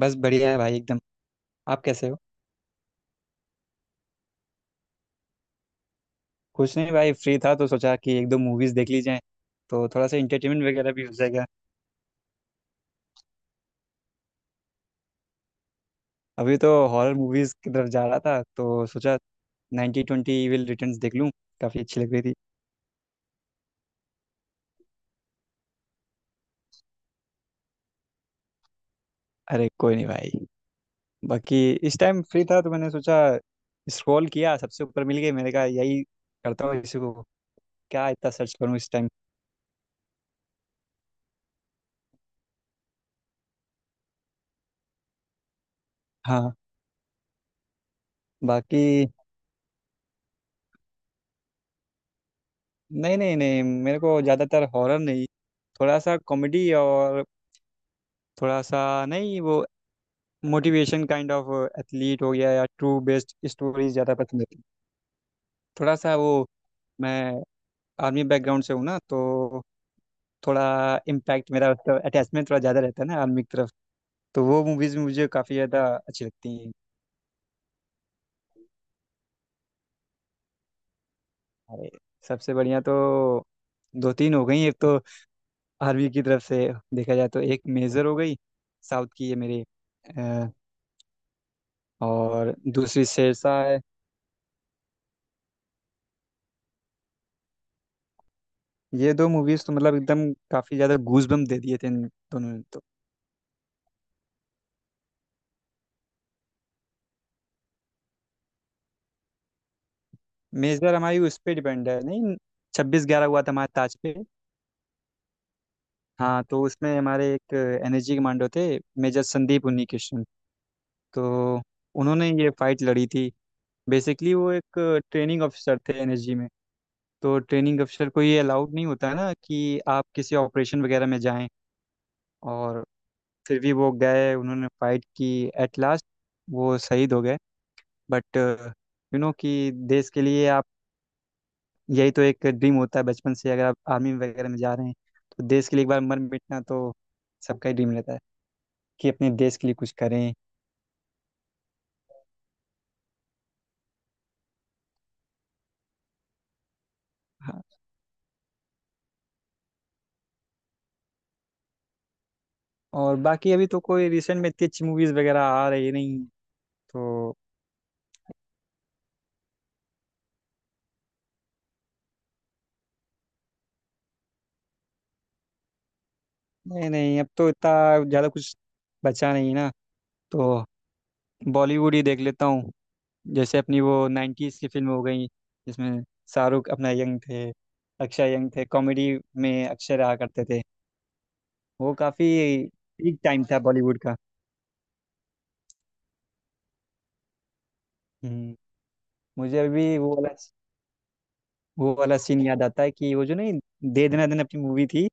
बस बढ़िया है भाई एकदम। आप कैसे हो? कुछ नहीं भाई, फ्री था तो सोचा कि एक दो मूवीज देख ली जाए, तो थोड़ा सा इंटरटेनमेंट वगैरह भी हो जाएगा। अभी तो हॉरर मूवीज की तरफ जा रहा था तो सोचा 90 ट्वेंटी इविल रिटर्न्स देख लूँ। काफ़ी अच्छी लग रही थी। अरे कोई नहीं भाई। बाकी इस टाइम फ्री था तो मैंने सोचा, स्क्रॉल किया, सबसे ऊपर मिल गई, मैंने कहा यही करता हूँ इसी को, क्या इतना सर्च करूँ इस टाइम। हाँ। बाकी नहीं नहीं नहीं, मेरे को ज़्यादातर हॉरर नहीं, थोड़ा सा कॉमेडी और थोड़ा सा नहीं, वो मोटिवेशन काइंड ऑफ, एथलीट हो गया या ट्रू बेस्ड स्टोरीज ज़्यादा पसंद है। थोड़ा सा वो, मैं आर्मी बैकग्राउंड से हूँ ना, तो थोड़ा इम्पैक्ट मेरा उसका अटैचमेंट थोड़ा ज़्यादा रहता है ना आर्मी की तरफ, तो वो मूवीज़ मुझे काफ़ी ज़्यादा अच्छी लगती हैं। अरे सबसे बढ़िया तो दो तीन हो गई। एक तो आर्मी की तरफ से देखा जाए तो एक मेजर हो गई, साउथ की है मेरे अ, और दूसरी शेरशाह है। ये दो मूवीज़ तो मतलब एकदम काफ़ी ज़्यादा गूज बम्प दे दिए थे इन दोनों ने तो। मेजर हमारी उस पे डिपेंड है, नहीं छब्बीस ग्यारह हुआ था हमारे ताज पे। हाँ, तो उसमें हमारे एक एनर्जी कमांडो थे, मेजर संदीप उन्नी कृष्ण। तो उन्होंने ये फाइट लड़ी थी। बेसिकली वो एक ट्रेनिंग ऑफिसर थे एनर्जी में, तो ट्रेनिंग ऑफिसर को ये अलाउड नहीं होता है ना कि आप किसी ऑपरेशन वगैरह में जाएं, और फिर भी वो गए, उन्होंने फाइट की, एट लास्ट वो शहीद हो गए। बट यू नो कि देश के लिए आप, यही तो एक ड्रीम होता है बचपन से, अगर आप आर्मी वगैरह में जा रहे हैं तो देश के लिए एक बार मर मिटना तो सबका ही ड्रीम रहता है, कि अपने देश के लिए कुछ करें। हाँ, और बाकी अभी तो कोई रिसेंट में इतनी अच्छी मूवीज वगैरह आ रही नहीं हैं। तो नहीं नहीं, अब तो इतना ज़्यादा कुछ बचा नहीं ना, तो बॉलीवुड ही देख लेता हूँ। जैसे अपनी वो नाइन्टीज़ की फिल्म हो गई, जिसमें शाहरुख अपना यंग थे, अक्षय यंग थे, कॉमेडी में अक्षय रहा करते थे। वो काफ़ी पीक टाइम था बॉलीवुड का। हम्म। मुझे अभी वो वाला सीन याद आता है कि वो जो नहीं दे दना दन अपनी मूवी थी,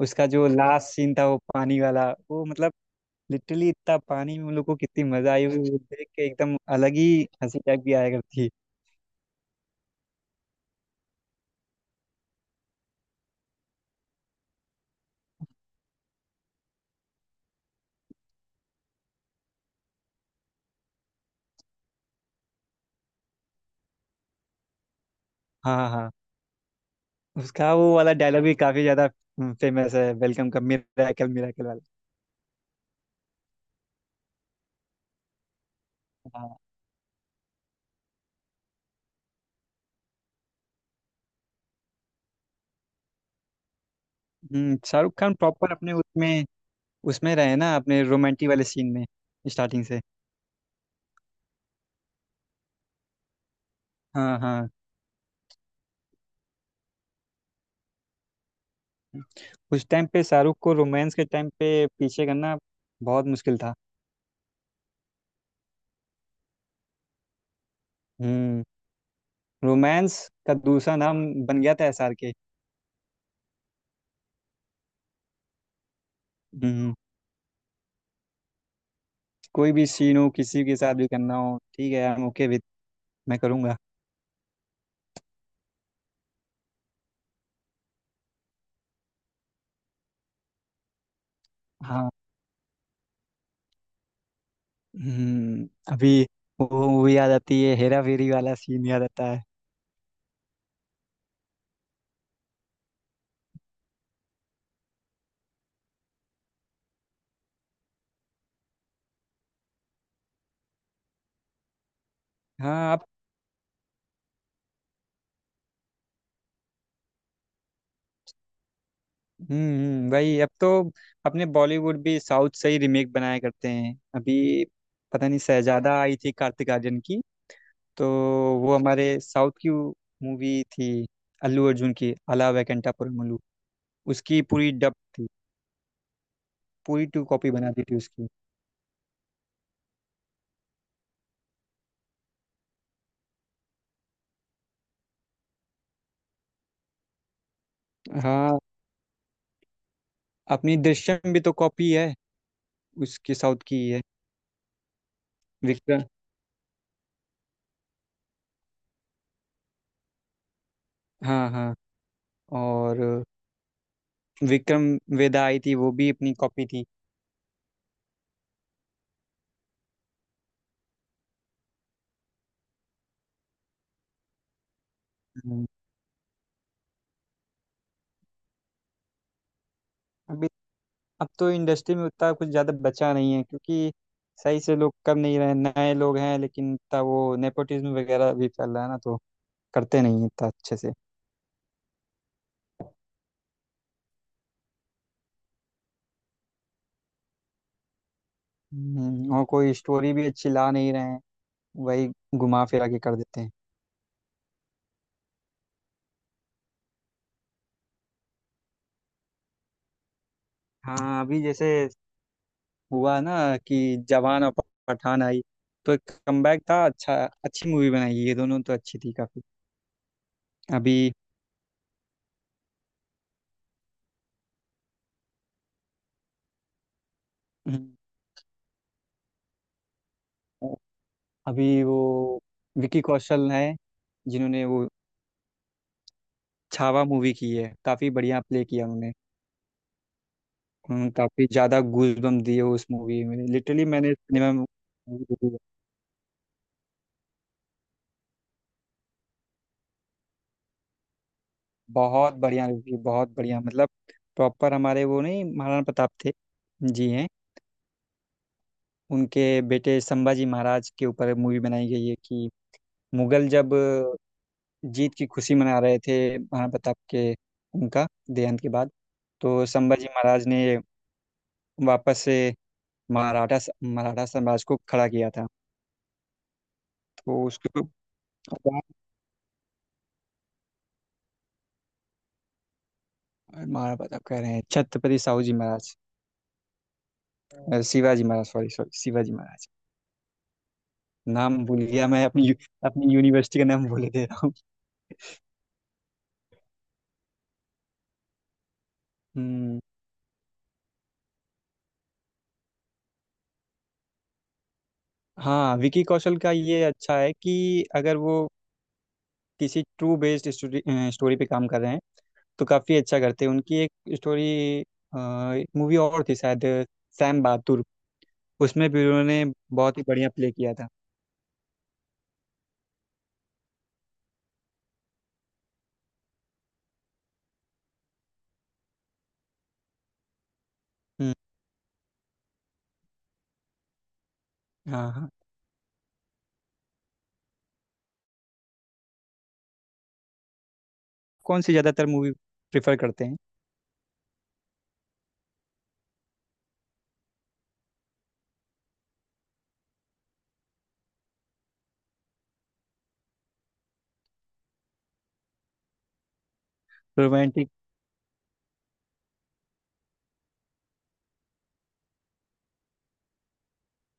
उसका जो लास्ट सीन था वो पानी वाला, वो मतलब लिटरली इतना पानी में उन लोगों को कितनी मजा आई वो देख के एकदम अलग ही हंसी टाइप की आया करती। हाँ हाँ हाँ। उसका वो वाला डायलॉग भी काफी ज्यादा फेमस है वेलकम का, मिराकल मिराकल वाला। हाँ। शाहरुख खान प्रॉपर अपने उसमें उसमें रहे ना अपने रोमांटिक वाले सीन में, स्टार्टिंग से। हाँ हाँ, उस टाइम पे शाहरुख को रोमांस के टाइम पे पीछे करना बहुत मुश्किल था। हम्म। रोमांस का दूसरा नाम बन गया था एसआरके। हम्म। कोई भी सीन हो, किसी के साथ भी करना हो, ठीक है, आई ओके विद, मैं करूँगा। हाँ। हम्म। अभी वो मूवी याद आती है, हेरा फेरी वाला सीन याद आता है। हाँ आप, वही अब तो अपने बॉलीवुड भी साउथ से ही रिमेक बनाया करते हैं। अभी पता नहीं शहजादा आई थी कार्तिक आर्यन की, तो वो हमारे साउथ की मूवी थी, अल्लू अर्जुन की अला वेंकटा पुरमुलु, उसकी पूरी डब थी, पूरी टू कॉपी बना दी थी उसकी। हाँ, अपनी दृश्यम भी तो कॉपी है, उसकी साउथ की ही है, विक्रम। हाँ हाँ, और विक्रम वेदा आई थी, वो भी अपनी कॉपी थी। हम्म, अभी अब तो इंडस्ट्री में उतना कुछ ज़्यादा बचा नहीं है, क्योंकि सही से लोग कर नहीं रहे, नए लोग हैं लेकिन इतना वो नेपोटिज्म वगैरह भी फैल रहा है ना, तो करते नहीं हैं इतना अच्छे से। और कोई स्टोरी भी अच्छी ला नहीं रहे हैं, वही घुमा फिरा के कर देते हैं। हाँ, अभी जैसे हुआ ना कि जवान और पठान आई, तो एक कमबैक था अच्छा, अच्छी मूवी बनाई है, ये दोनों तो अच्छी थी काफी। अभी हम्म, अभी वो विकी कौशल है, जिन्होंने वो छावा मूवी की है, काफी बढ़िया प्ले किया उन्होंने, उन्होंने काफी ज्यादा गूजबम्प दिए उस मूवी में, लिटरली मैंने सिनेमा। बहुत बढ़िया रिव्यू, बहुत बढ़िया मतलब, प्रॉपर हमारे वो नहीं महाराणा प्रताप थे जी हैं, उनके बेटे संभाजी महाराज के ऊपर मूवी बनाई गई है कि मुगल जब जीत की खुशी मना रहे थे महाराणा प्रताप के, उनका देहांत के बाद, तो संभाजी महाराज ने वापस से मराठा मराठा साम्राज्य को खड़ा किया था, तो उसके ऊपर। महाराणा प्रताप कह रहे हैं छत्रपति साहू जी महाराज, शिवाजी महाराज, सॉरी सॉरी, शिवाजी महाराज, नाम भूल गया मैं अपनी अपनी यूनिवर्सिटी का नाम भूल दे रहा हूँ। हम्म। हाँ विकी कौशल का ये अच्छा है कि अगर वो किसी ट्रू बेस्ड स्टोरी स्टोरी पे काम कर रहे हैं तो काफ़ी अच्छा करते हैं। उनकी एक स्टोरी, एक मूवी और थी शायद सैम बहादुर, उसमें भी उन्होंने बहुत ही बढ़िया प्ले किया था। हम्म। हाँ हाँ, कौन सी ज़्यादातर मूवी प्रेफर करते हैं? रोमांटिक?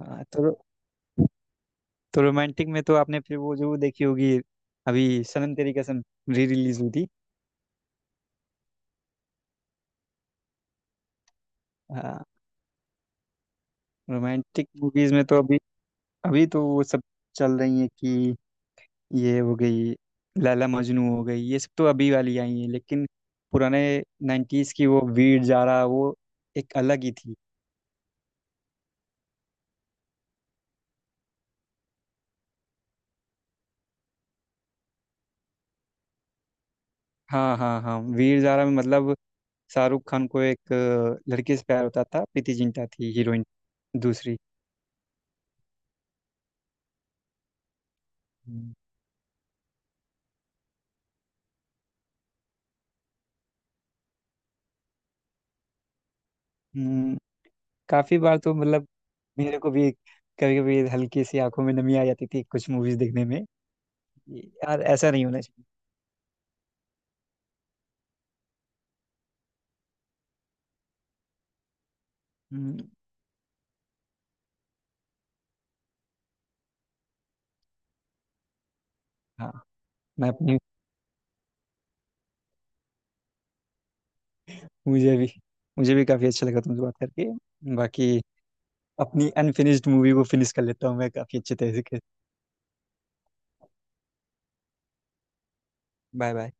हाँ तो रोमांटिक में तो आपने फिर वो जरूर देखी होगी, अभी सनम तेरी कसम री रिलीज हुई थी। हाँ। रोमांटिक मूवीज में तो अभी, अभी तो वो सब चल रही है कि ये हो गई लैला मजनू हो गई, ये सब तो अभी वाली आई हैं लेकिन पुराने 90s की वो वीर जारा, वो एक अलग ही थी। हाँ हाँ हाँ वीर जारा में मतलब शाहरुख खान को एक लड़की से प्यार होता था, प्रीति जिंटा थी हीरोइन, दूसरी। हम्म। हम्म, काफी बार तो मतलब मेरे को भी कभी कभी हल्की सी आंखों में नमी आ जाती थी कुछ मूवीज देखने में। यार ऐसा नहीं होना चाहिए। हम्म। हाँ, मैं अपनी, मुझे भी मुझे भी काफी अच्छा लगा तुमसे बात करके। बाकी अपनी अनफिनिश्ड मूवी को फिनिश कर लेता हूँ मैं काफी अच्छे तरीके से। Bye bye.